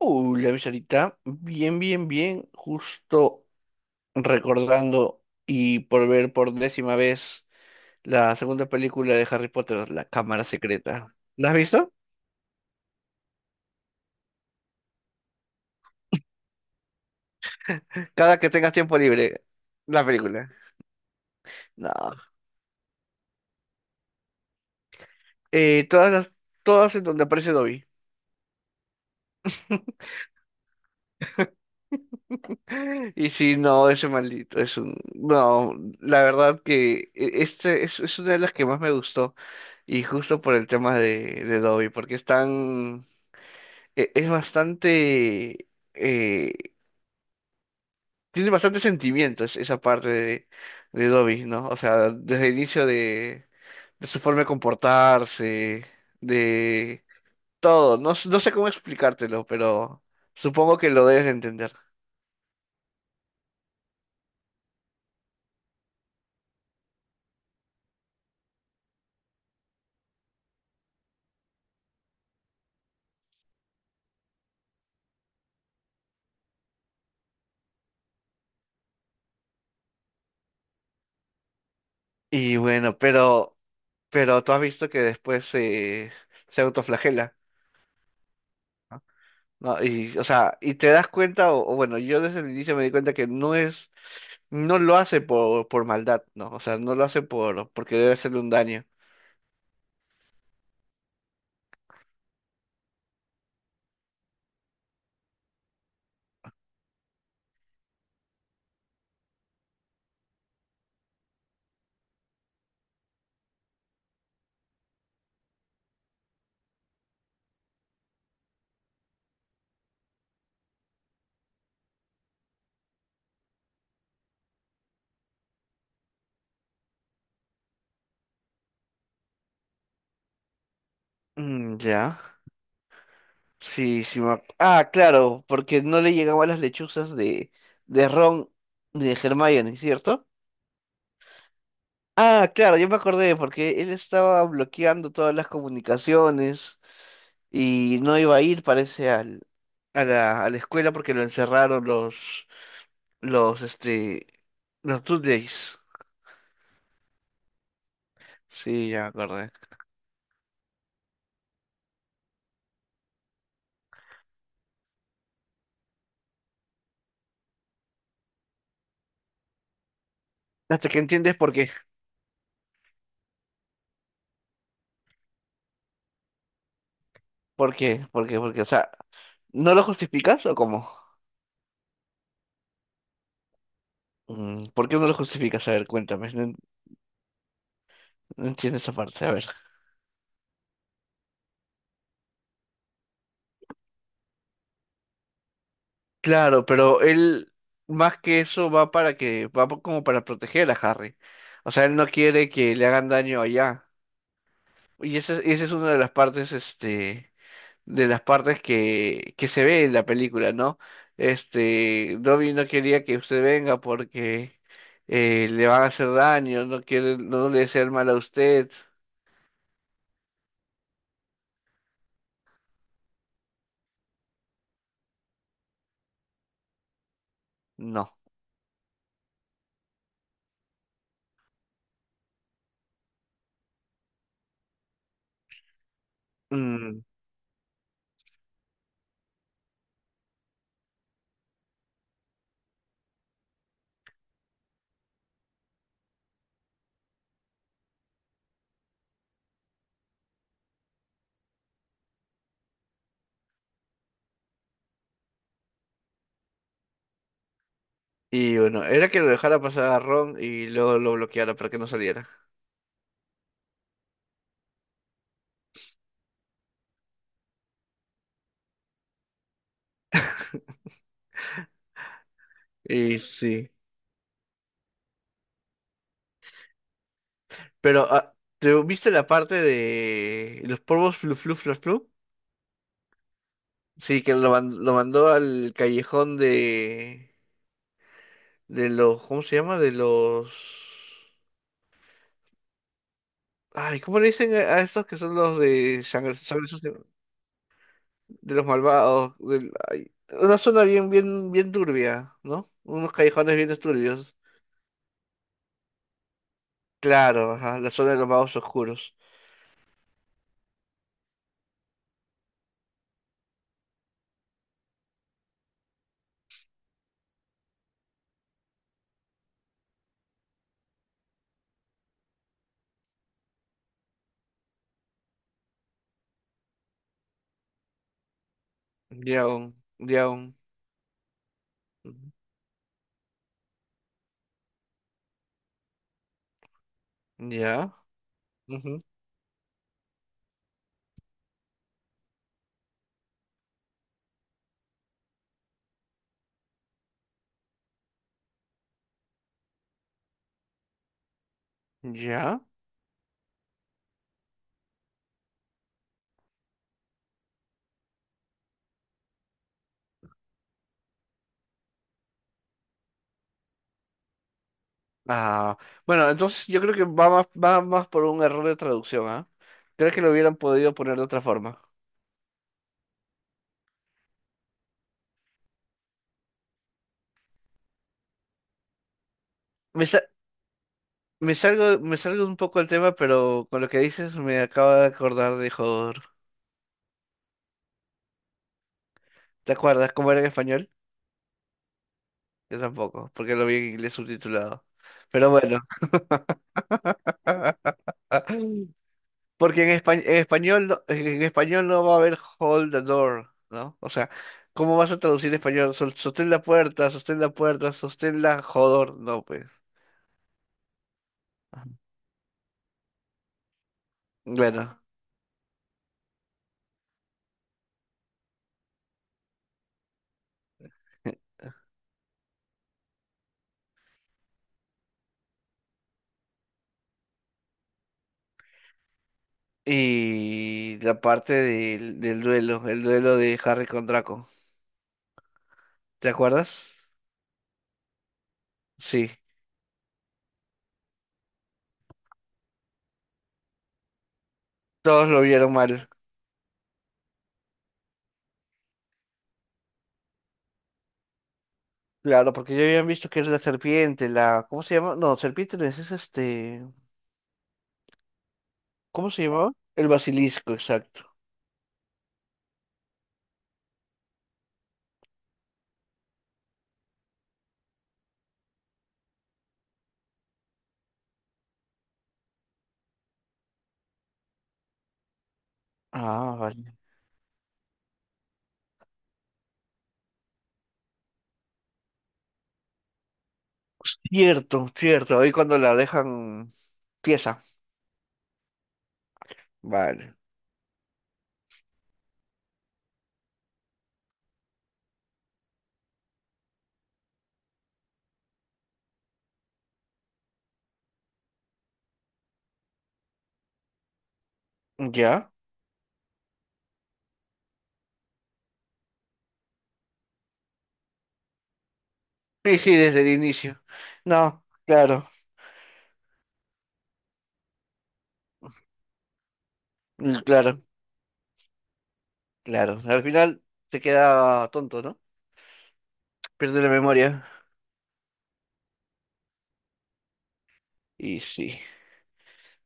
Uy, la visita, bien, bien, bien, justo recordando y por ver por décima vez la segunda película de Harry Potter, La Cámara Secreta. ¿La has visto? Cada que tengas tiempo libre, la película. No, todas todas en donde aparece Dobby. Y si no, ese maldito es un... No, la verdad que es una de las que más me gustó y justo por el tema de Dobby, porque están es bastante, eh, tiene bastante sentimientos esa parte de Dobby, ¿no? O sea, desde el inicio de su forma de comportarse, de todo. No, no sé cómo explicártelo, pero supongo que lo debes de entender. Y bueno, pero tú has visto que después se autoflagela. No, y, o sea, y te das cuenta, o bueno, yo desde el inicio me di cuenta que no es, no lo hace por maldad, ¿no? O sea, no lo hace por, porque debe hacerle un daño. Mm, ya, sí, sí. Ah, claro, porque no le llegaban las lechuzas de Ron ni de Hermione, ¿cierto? Ah, claro, yo me acordé, porque él estaba bloqueando todas las comunicaciones y no iba a ir, parece, a la escuela porque lo encerraron Los, este, los Two Days. Sí, ya me acordé. Hasta que entiendes por qué, por qué. O sea, ¿no lo justificas o cómo? Mm, ¿por qué no lo justificas? A ver, cuéntame. No, no entiendo esa parte. A ver. Claro, pero él, más que eso, como para proteger a Harry. O sea, él no quiere que le hagan daño allá. Esa es una de las partes, este. De las partes que se ve en la película, ¿no? Este, Dobby no quería que usted venga porque le van a hacer daño, no quiere, no le desea el mal a usted. No. Mm. Y bueno, era que lo dejara pasar a Ron y luego lo bloqueara para que no saliera. Y sí. Pero, ah, ¿te viste la parte de los polvos flu flu flu flu? Sí, que lo mandó al callejón de los, ¿cómo se llama? De los... Ay, ¿cómo le dicen a estos que son los de sangre, sangre sucia, de los malvados? Ay, una zona bien, bien, bien turbia, ¿no? Unos callejones bien turbios. Claro, ajá, la zona de los magos oscuros. Ya, un- ya, un- ya, ujú, ya. Ah, bueno, entonces yo creo que va más por un error de traducción, ¿ah? Creo que lo hubieran podido poner de otra forma. Me, sa- me salgo un poco del tema, pero con lo que dices me acabo de acordar de Hodor. ¿Te acuerdas cómo era en español? Yo tampoco, porque lo vi en inglés subtitulado. Pero bueno, porque en español, en español no va a haber hold the door, ¿no? O sea, ¿cómo vas a traducir en español? Sostén la puerta, sostén la puerta, sostén la jodor. No, pues. Bueno. Y la parte del, del duelo, el duelo de Harry con Draco. ¿Te acuerdas? Sí, todos lo vieron mal. Claro, porque ya habían visto que era la serpiente, la... ¿Cómo se llama? No, serpiente no es, es este... ¿Cómo se llamaba? El basilisco, exacto. Ah, vale. Cierto, cierto. Ahí cuando la dejan pieza. Vale. ¿Ya? Sí, sí, desde el inicio. No, claro, mm, claro, claro. Al final se queda tonto, ¿no? Pierde la memoria. Y sí.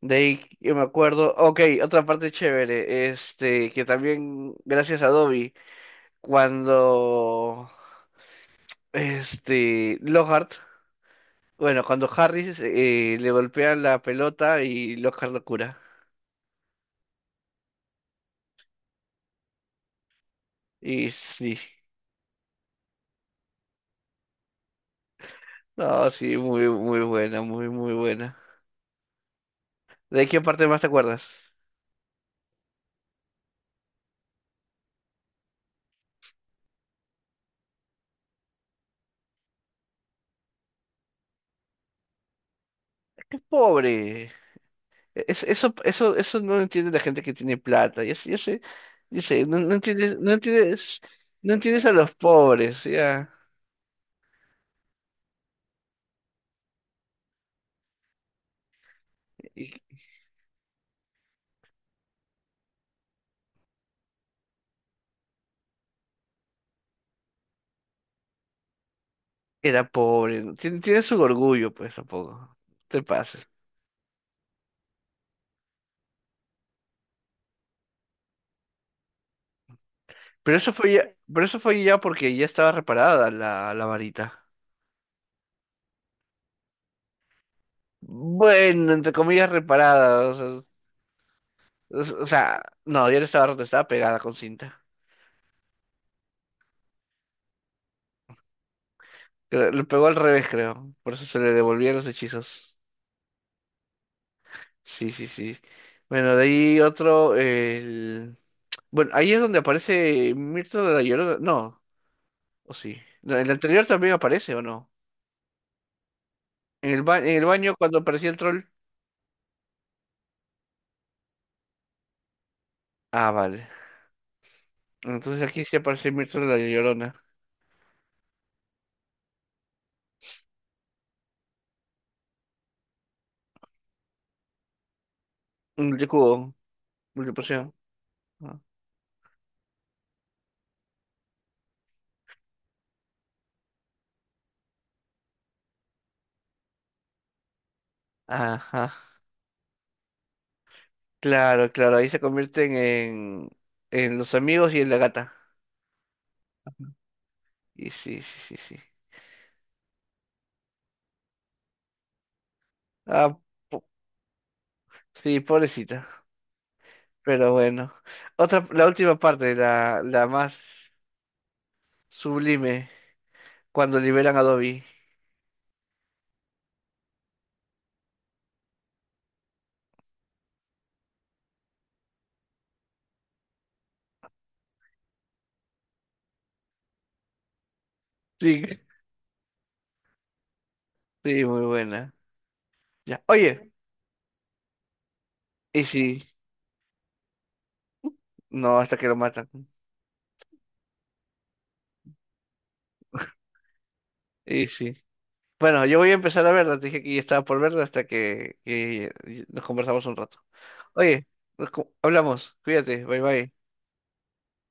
De ahí yo me acuerdo. Ok, otra parte chévere. Este, que también, gracias a Dobby, cuando este Lockhart, bueno, cuando Harry le golpean la pelota y Lockhart lo cura. Y sí. No, sí, muy, muy buena, muy, muy buena. ¿De qué parte más te acuerdas? Pobre. Eso no lo entiende la gente que tiene plata. Ya sé, ya sé, ya sé, no, no entiendes, no entiendes, no entiendes a los pobres, ya. Y era pobre, ¿no? Tiene, tiene su orgullo, pues tampoco. Te pases. Pero eso fue ya, pero eso fue ya porque ya estaba reparada la varita. Bueno, entre comillas reparada. O sea, o sea, no, ya no estaba rota, estaba pegada con cinta. Le pegó al revés, creo. Por eso se le devolvían los hechizos. Sí, sí, sí. Bueno, de ahí otro. El... Bueno, ahí es donde aparece Mirto de la Llorona. No, o sí. No, en el anterior también aparece, ¿o no? En el baño cuando aparecía el troll. Ah, vale. Entonces aquí sí aparece Mirto de la Llorona. Un Multicubo, multipoción. Ajá. Claro, claro, ahí se convierten en los amigos y en la gata. Y sí, sí, sí, sí. Ah, po- sí, pobrecita. Pero bueno. Otra, la última parte, la más sublime, cuando liberan a Dobby. Sí, sí, muy buena. Ya. Oye, y sí, no, hasta que lo matan. Y sí. Bueno, yo voy a empezar a verla, te dije que ya estaba por verla hasta que nos conversamos un rato. Oye, hablamos, cuídate, bye bye.